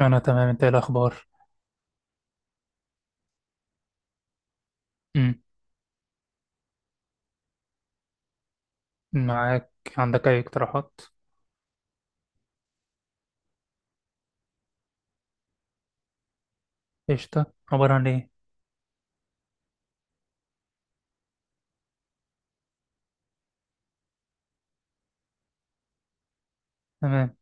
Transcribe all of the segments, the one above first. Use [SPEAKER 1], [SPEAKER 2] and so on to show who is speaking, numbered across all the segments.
[SPEAKER 1] أنا تمام، أنت إيه الأخبار؟ مم. معاك. عندك أي اقتراحات؟ قشطة، عبارة عن إيه؟ تمام،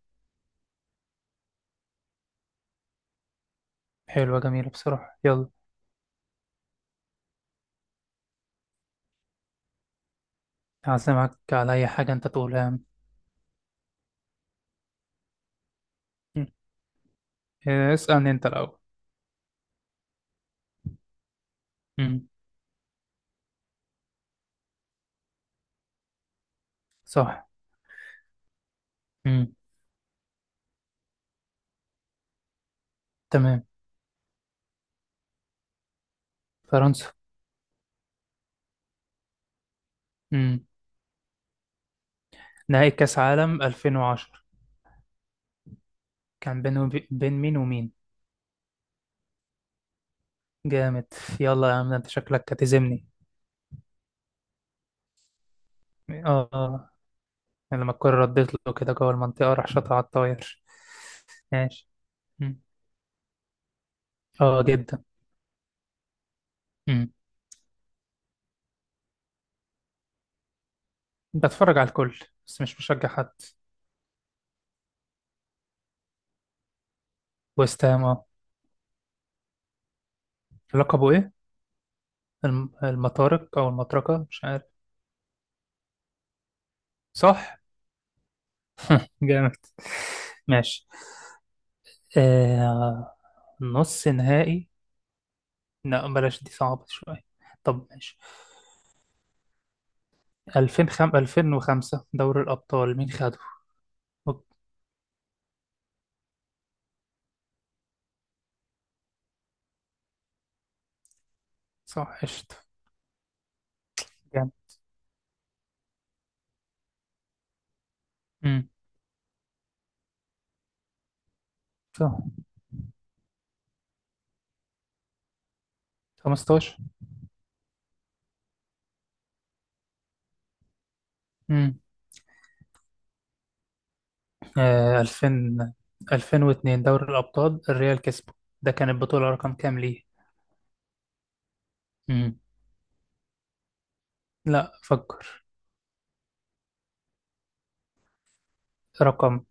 [SPEAKER 1] حلوة جميلة بصراحة. يلا. هعزمك على أي حاجة أنت تقولها يا عم. مم. إيه، اسألني أنت الأول. مم. صح. مم. تمام. فرنسا. مم. نهائي كأس عالم 2010 كان بين مين ومين؟ جامد. يلا يا عم، ده أنت شكلك هتزمني. آه آه. لما الكرة ردت له كده جوه المنطقة راح شاطها على الطاير. ماشي. مم. آه جدا. بتفرج على الكل بس مش مشجع حد. ويست هام، اه، لقبه ايه؟ المطارق او المطرقه مش عارف. صح. جامد ماشي. آه... نص نهائي. لا بلاش، دي صعبة شوية. طب ماشي. 2005 2005 دوري الأبطال مين خده؟ أوك، صح، قشطة. جامد. امم. صح. 15. امم. 2000 2002 دوري الأبطال الريال كسبه. ده كان البطولة رقم كام ليه؟ امم. لا، فكر. رقم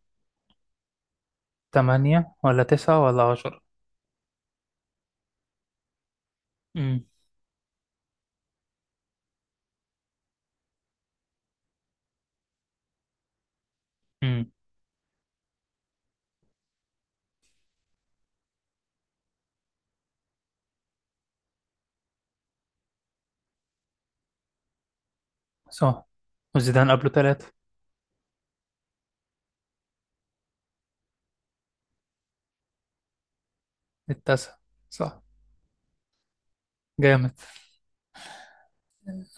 [SPEAKER 1] 8 ولا 9 ولا 10؟ امم. امم. صح. وزيدان قبله تلاتة. التاسع. صح. جامد.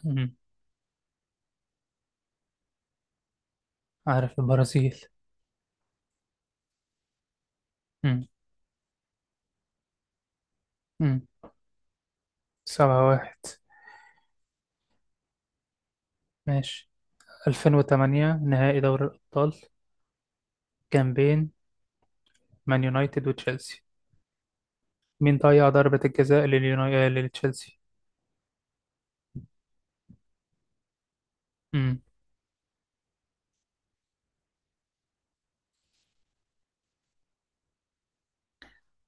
[SPEAKER 1] امم. عارف البرازيل. امم. امم. 7-1. ماشي. 2008 نهائي دوري الأبطال كان بين مان يونايتد وتشيلسي. مين ضيع ضربة الجزاء لتشيلسي؟ امم.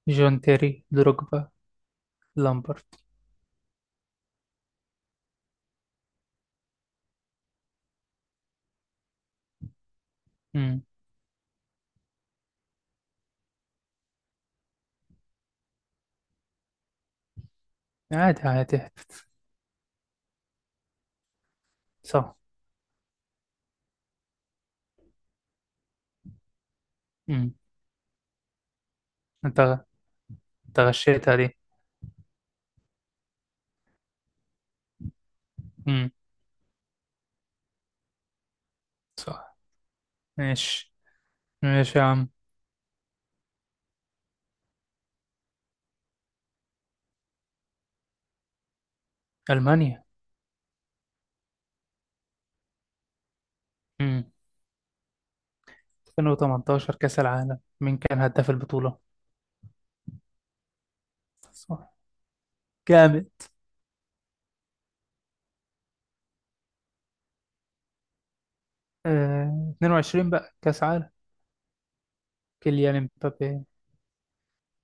[SPEAKER 1] جون تيري، دروجبا، لامبرت. امم. عادي عادي. صح. امم. انت انت غشيتها دي. امم. صح. ماشي. ماشي يا عم. ألمانيا. امم. 2018 كأس العالم مين كان هداف البطولة؟ صح. جامد. 22 بقى كأس عالم. كيليان امبابي.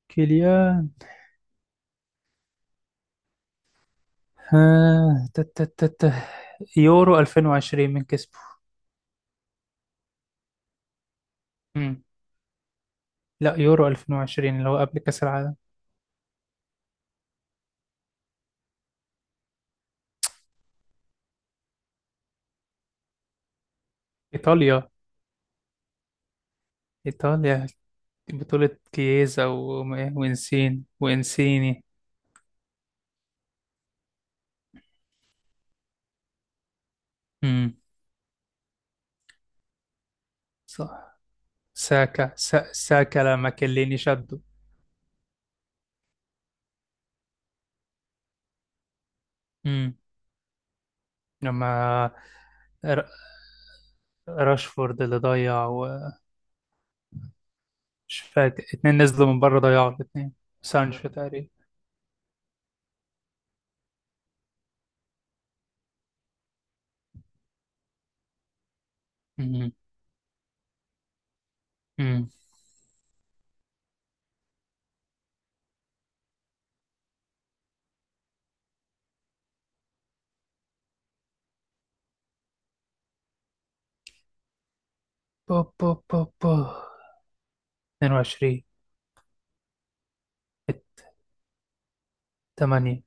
[SPEAKER 1] كيليان. آه. تا- تا- تا- تا. يورو 2020 من كسبه؟ امم. لا، يورو 2020 اللي هو قبل كأس العالم. إيطاليا. إيطاليا. بطولة كييزا وإنسيني. امم. صح. ساكا لما كليني شده. لما ر- راشفورد اللي ضيع ومش فاكر. اتنين نزلوا من بره ضيعوا الاتنين. سانشو تقريبا. مم. مم. بو بو بو بو 22 8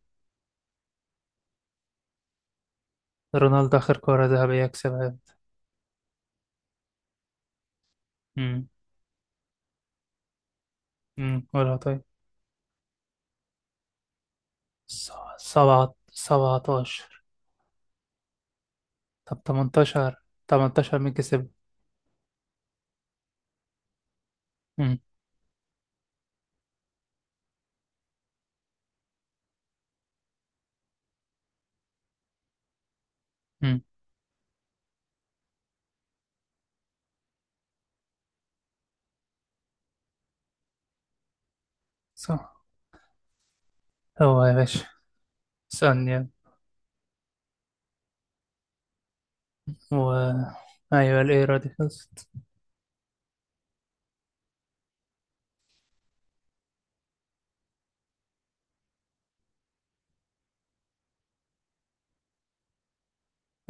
[SPEAKER 1] رونالدو آخر كرة ذهبية يكسبها. امم. امم. قولها طيب. سبعة 17. طب 18. 18 مين كسب؟ امم. امم. صح. هو يا باشا. ثانية. و أيوة الإيرا دي خلصت.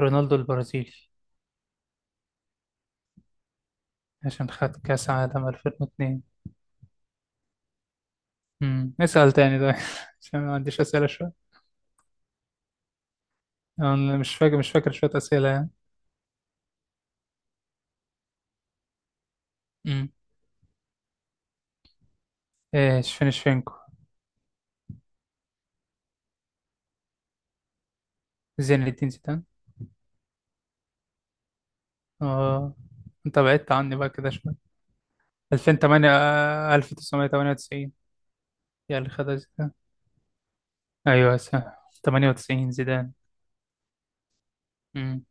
[SPEAKER 1] رونالدو البرازيلي، عشان خد كأس عالم 2002. امم. اسأل تاني ده عشان ما عنديش أسئلة شوية. أنا مش فاكر شوية أسئلة يعني. امم. إيه، شفينشفينكو. زين الدين زيدان. اه. أنت بعدت عني بقى كده شوية. 2008 1998، يا اللي خدها زيدان. أيوه صح، 98 زيدان. امم.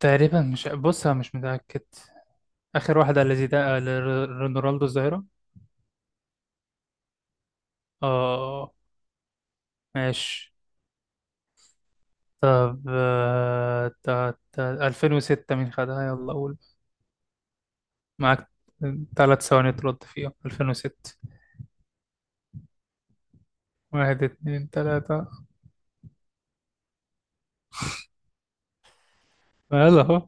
[SPEAKER 1] تقريبا مش، بص أنا مش متأكد. آخر واحدة اللي زيدان اللي رونالدو الظاهرة. اه. ماشي. طب 2006 مين خدها؟ يلا قول. معاك. 3 ثواني ترد فيها 2006. واحد اتنين تلاتة. ما يلا اهو.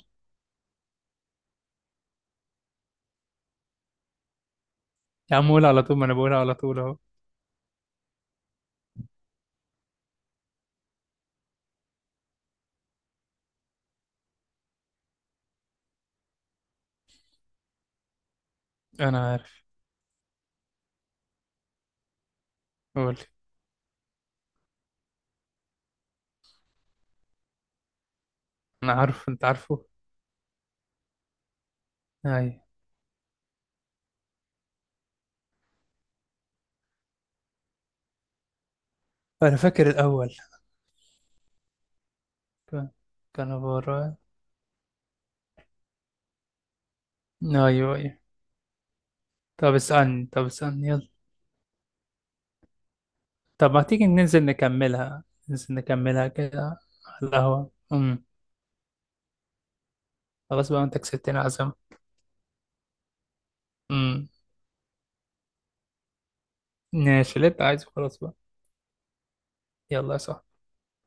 [SPEAKER 1] يا عم قول على طول، ما انا بقولها على طول اهو. انا عارف. قول. انا عارف، انت عارفه. ايوه. انا فاكر الاول. كان كان عبارة. ايوه ايوه. طب اسألني يلا. طب ما تيجي ننزل نكملها؟ ننزل نكملها كده. على القهوة. امم. خلاص بقى، انت كسبتني عزم. امم. ماشي اللي انت عايزه، خلاص بقى. يلا يا صاحبي.